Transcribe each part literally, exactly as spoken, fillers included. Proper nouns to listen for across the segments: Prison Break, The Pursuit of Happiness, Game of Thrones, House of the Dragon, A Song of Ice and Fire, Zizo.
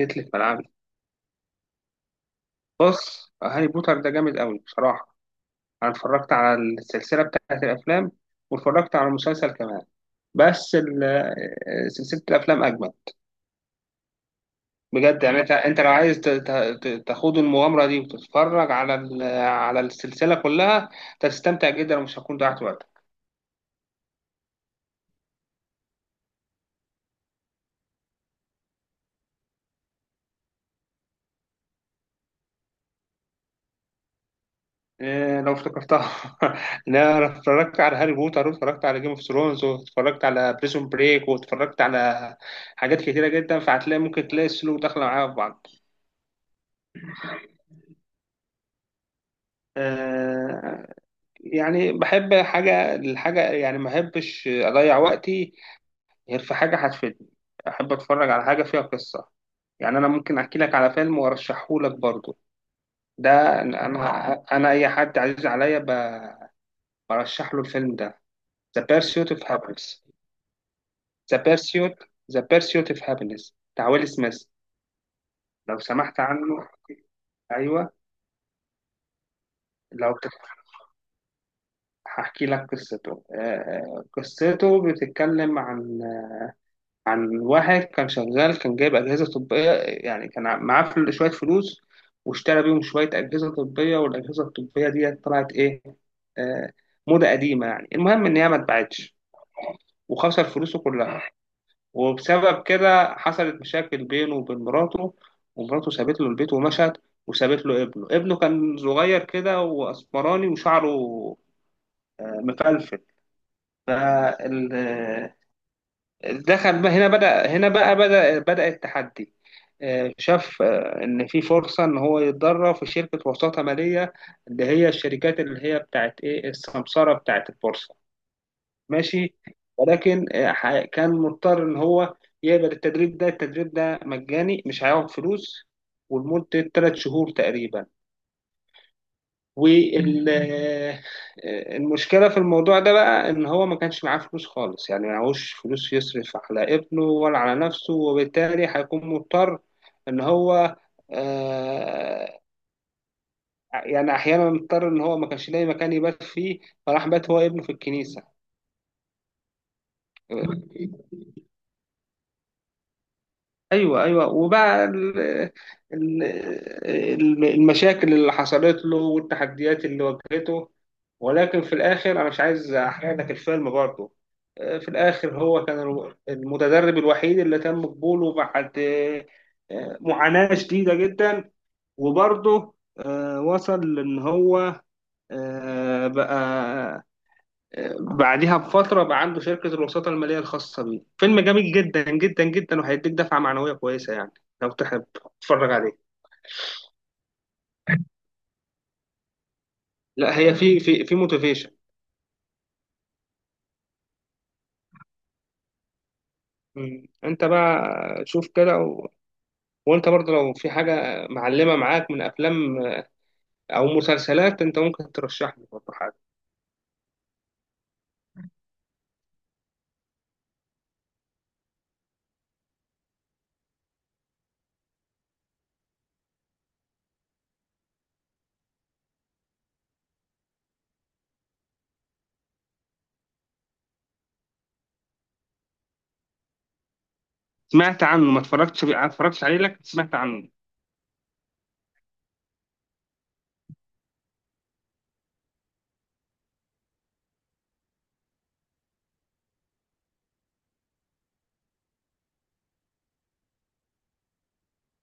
جيت لي في ملعبي. بص، هاري بوتر ده جامد قوي بصراحة. أنا اتفرجت على السلسلة بتاعت الأفلام واتفرجت على المسلسل كمان، بس ال- سلسلة الأفلام أجمل بجد. أنت أنت لو عايز ت- ت- ت- تخوض المغامرة دي وتتفرج على على السلسلة كلها، تستمتع جدا ومش هتكون ضيعت وقت. إيه، لو افتكرتها. إن أنا اتفرجت على هاري بوتر واتفرجت على جيم اوف ثرونز واتفرجت على بريزون بريك واتفرجت على حاجات كتيرة جدا، فهتلاقي ممكن تلاقي السلوك داخلة معايا في بعض. آه، يعني بحب حاجة الحاجة، يعني ما أحبش أضيع وقتي غير في حاجة هتفيدني. أحب أتفرج على حاجة فيها قصة. يعني أنا ممكن أحكي لك على فيلم وأرشحه لك برضه. ده أنا أنا أنا أي حد عزيز عليا ب- برشح له الفيلم ده. The Pursuit of Happiness. The Pursuit The Pursuit of Happiness بتاع ويل سميث. لو سمحت عنه. أيوه. لو بت- هحكي لك قصته. آه، آه، قصته بتتكلم عن عن واحد كان شغال، كان جايب أجهزة طبية. يعني كان ع- معاه فل- شوية فلوس، واشترى بيهم شوية أجهزة طبية، والأجهزة الطبية دي طلعت إيه، آه موضة قديمة. يعني المهم إن هي ما اتباعتش وخسر فلوسه كلها. وبسبب كده حصلت مشاكل بينه وبين مراته، ومراته سابت له البيت ومشت، وسابت له ابنه. ابنه كان صغير كده وأسمراني وشعره آه، مفلفل. دخل بقى هنا، بدأ هنا بقى، بدأ بدأ التحدي. آه، شاف آه، إن في فرصة إن هو يتدرب في شركة وساطة مالية، اللي هي الشركات اللي هي بتاعت إيه السمسرة بتاعت البورصة. ماشي. ولكن آه، ح- كان مضطر إن هو يقبل التدريب ده. التدريب ده مجاني، مش هياخد فلوس، ولمدة ثلاث شهور تقريبا. والمشكلة في الموضوع ده بقى إن هو ما كانش معاه فلوس خالص، يعني معهوش فلوس يصرف على ابنه ولا على نفسه، وبالتالي هيكون مضطر إن هو، آه، يعني أحيانا مضطر، إن هو ما كانش لاقي مكان يبات فيه، فراح بات هو ابنه في الكنيسة. ايوه، ايوه. وبقى ال- ال- ال- المشاكل اللي حصلت له والتحديات اللي واجهته. ولكن في الاخر انا مش عايز احرق لك الفيلم برضه. آه، في الاخر هو كان الو- المتدرب الوحيد اللي تم قبوله بعد آه، آه، معاناة شديدة جدا. وبرضه آه، وصل لان هو، آه، بقى بعديها بفترة بقى عنده شركة الوساطة المالية الخاصة بيه. فيلم جميل جدا جدا جدا وهيديك دفعة معنوية كويسة يعني، لو تحب تتفرج عليه. لا، هي في في في موتيفيشن. انت بقى شوف كده، و... وانت برضه لو في حاجة معلمة معاك من افلام او مسلسلات، انت ممكن ترشح لي برضه حاجة. سمعت عنه، ما اتفرجتش ما اتفرجتش عليه لك، سمعت عنه.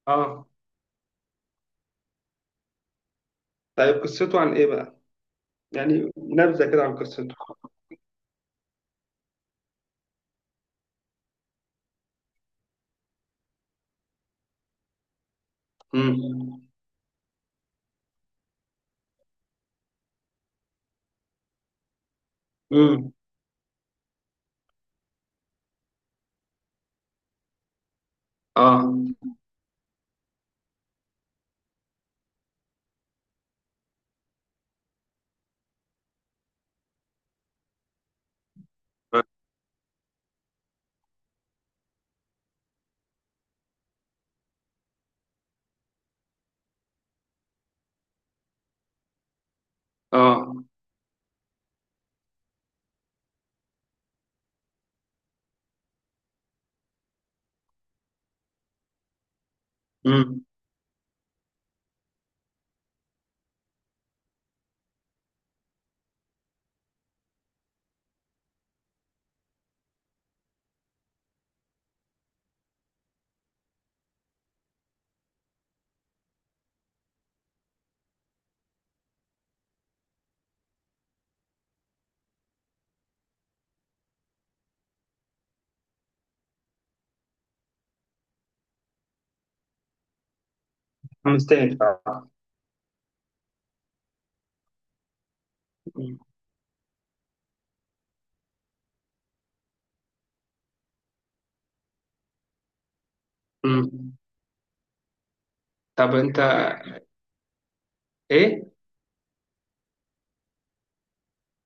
اه. طيب قصته عن ايه بقى؟ يعني نبذة كده عن قصته. امم، امم، اه، اه، امم. مستاهل. مم. طب انت ايه؟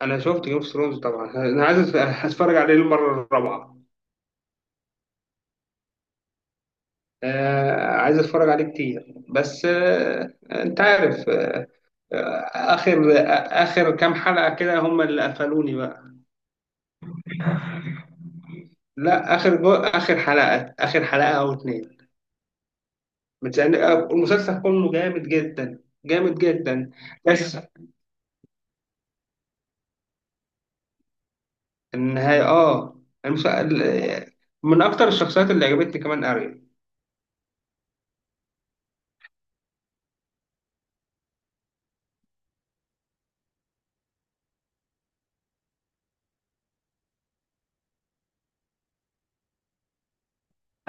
انا شفت جيم اوف ثرونز طبعا. انا عايز أت- اتفرج عليه المره الرابعه. آه، عايز اتفرج عليه كتير، بس آه انت عارف، آه آه، اخر آه، اخر كام حلقه كده هم اللي قفلوني بقى. لا، اخر جو اخر حلقه اخر حلقه او اتنين. متسأل- آه، المسلسل كله جامد جدا، جامد جدا. بس النهايه، اه المسلسل من اكتر الشخصيات اللي عجبتني كمان.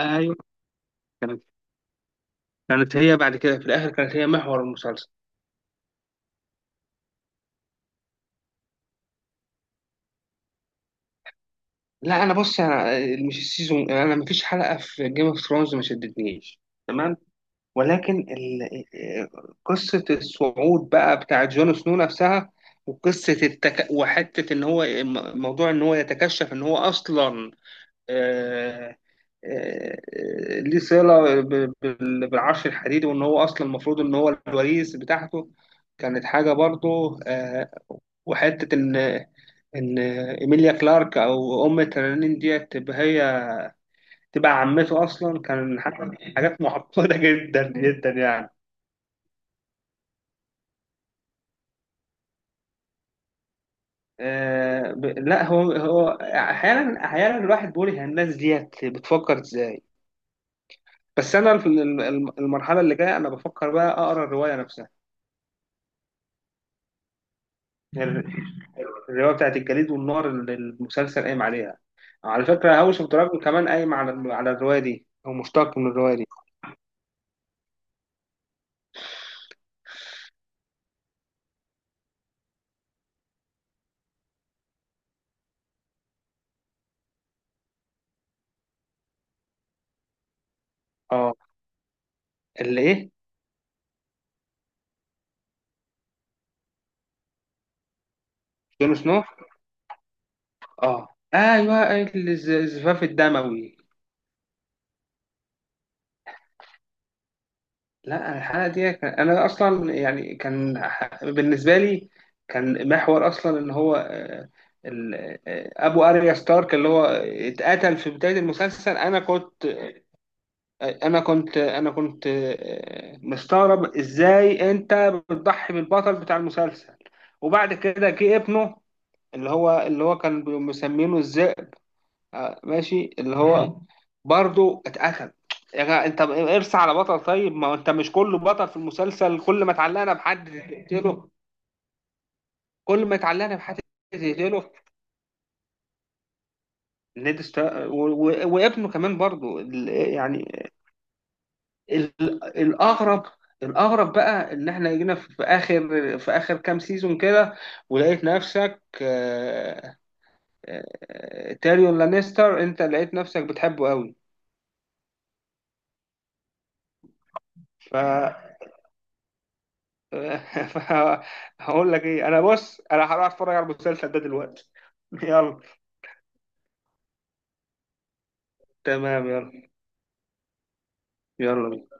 اريا كانت كانت هي بعد كده في الاخر، كانت هي محور المسلسل. لا انا بص، انا مش السيزون، انا مفيش حلقه في جيم اوف ثرونز ما شدتنيش، تمام. ولكن ال... قصه الصعود بقى بتاع جون سنو نفسها، وقصه التك... وحته ان هو، موضوع ان هو يتكشف ان هو اصلا، آه، آه، آه، ليه صله ب- بال- بالعرش الحديدي، وان هو اصلا المفروض ان هو الوريث بتاعته، كانت حاجه برضه. آه، وحته ان ان ايميليا كلارك او ام ترانين ديت تبقى هي، تبقى عمته اصلا، كان حاجه. حاجات معقده جدا جدا يعني. آه ب- لا، هو هو احيانا احيانا الواحد بيقول هي الناس ديت بتفكر ازاي. بس انا في ال- الم- المرحله اللي جايه انا بفكر بقى اقرا الروايه نفسها. ال- الروايه بتاعت الجليد والنار اللي المسلسل قايم عليها. على فكره هاوس اوف دراجون كمان قايم على على الروايه دي، او مشتق من الروايه دي. اه. اللي ايه؟ جون سنو. اه، ايوه. الز- الزفاف الدموي. لا الحلقه دي كان، انا اصلا يعني كان ح- بالنسبه لي كان محور اصلا ان هو، آه، ال- آه، ابو اريا ستارك اللي هو اتقتل في بدايه المسلسل. انا كنت، آه، انا كنت انا كنت آه، مستغرب ازاي انت بتضحي بالبطل بتاع المسلسل. وبعد كده جه ابنه اللي هو اللي هو كان مسمينه ازاي. آه، ماشي، اللي هو مم. برضو اتقتل. يا جماعة، انت ارسى على بطل، طيب، ما هو انت مش كله بطل في المسلسل. كل ما اتعلقنا بحد، تقتله. كل ما اتعلقنا بحد، تقتله. نيد ستا... و... و... وابنه كمان برضو. ال... يعني ال... الاغرب الاغرب بقى ان احنا جينا في اخر في اخر كام سيزون كده، ولقيت نفسك آه، آه، آه، تيريون لانيستر، انت لقيت نفسك بتحبه قوي. هقول لك ايه، انا بص، انا هروح اتفرج على المسلسل ده دلوقتي. يلا. تمام، يلا. يلا بينا.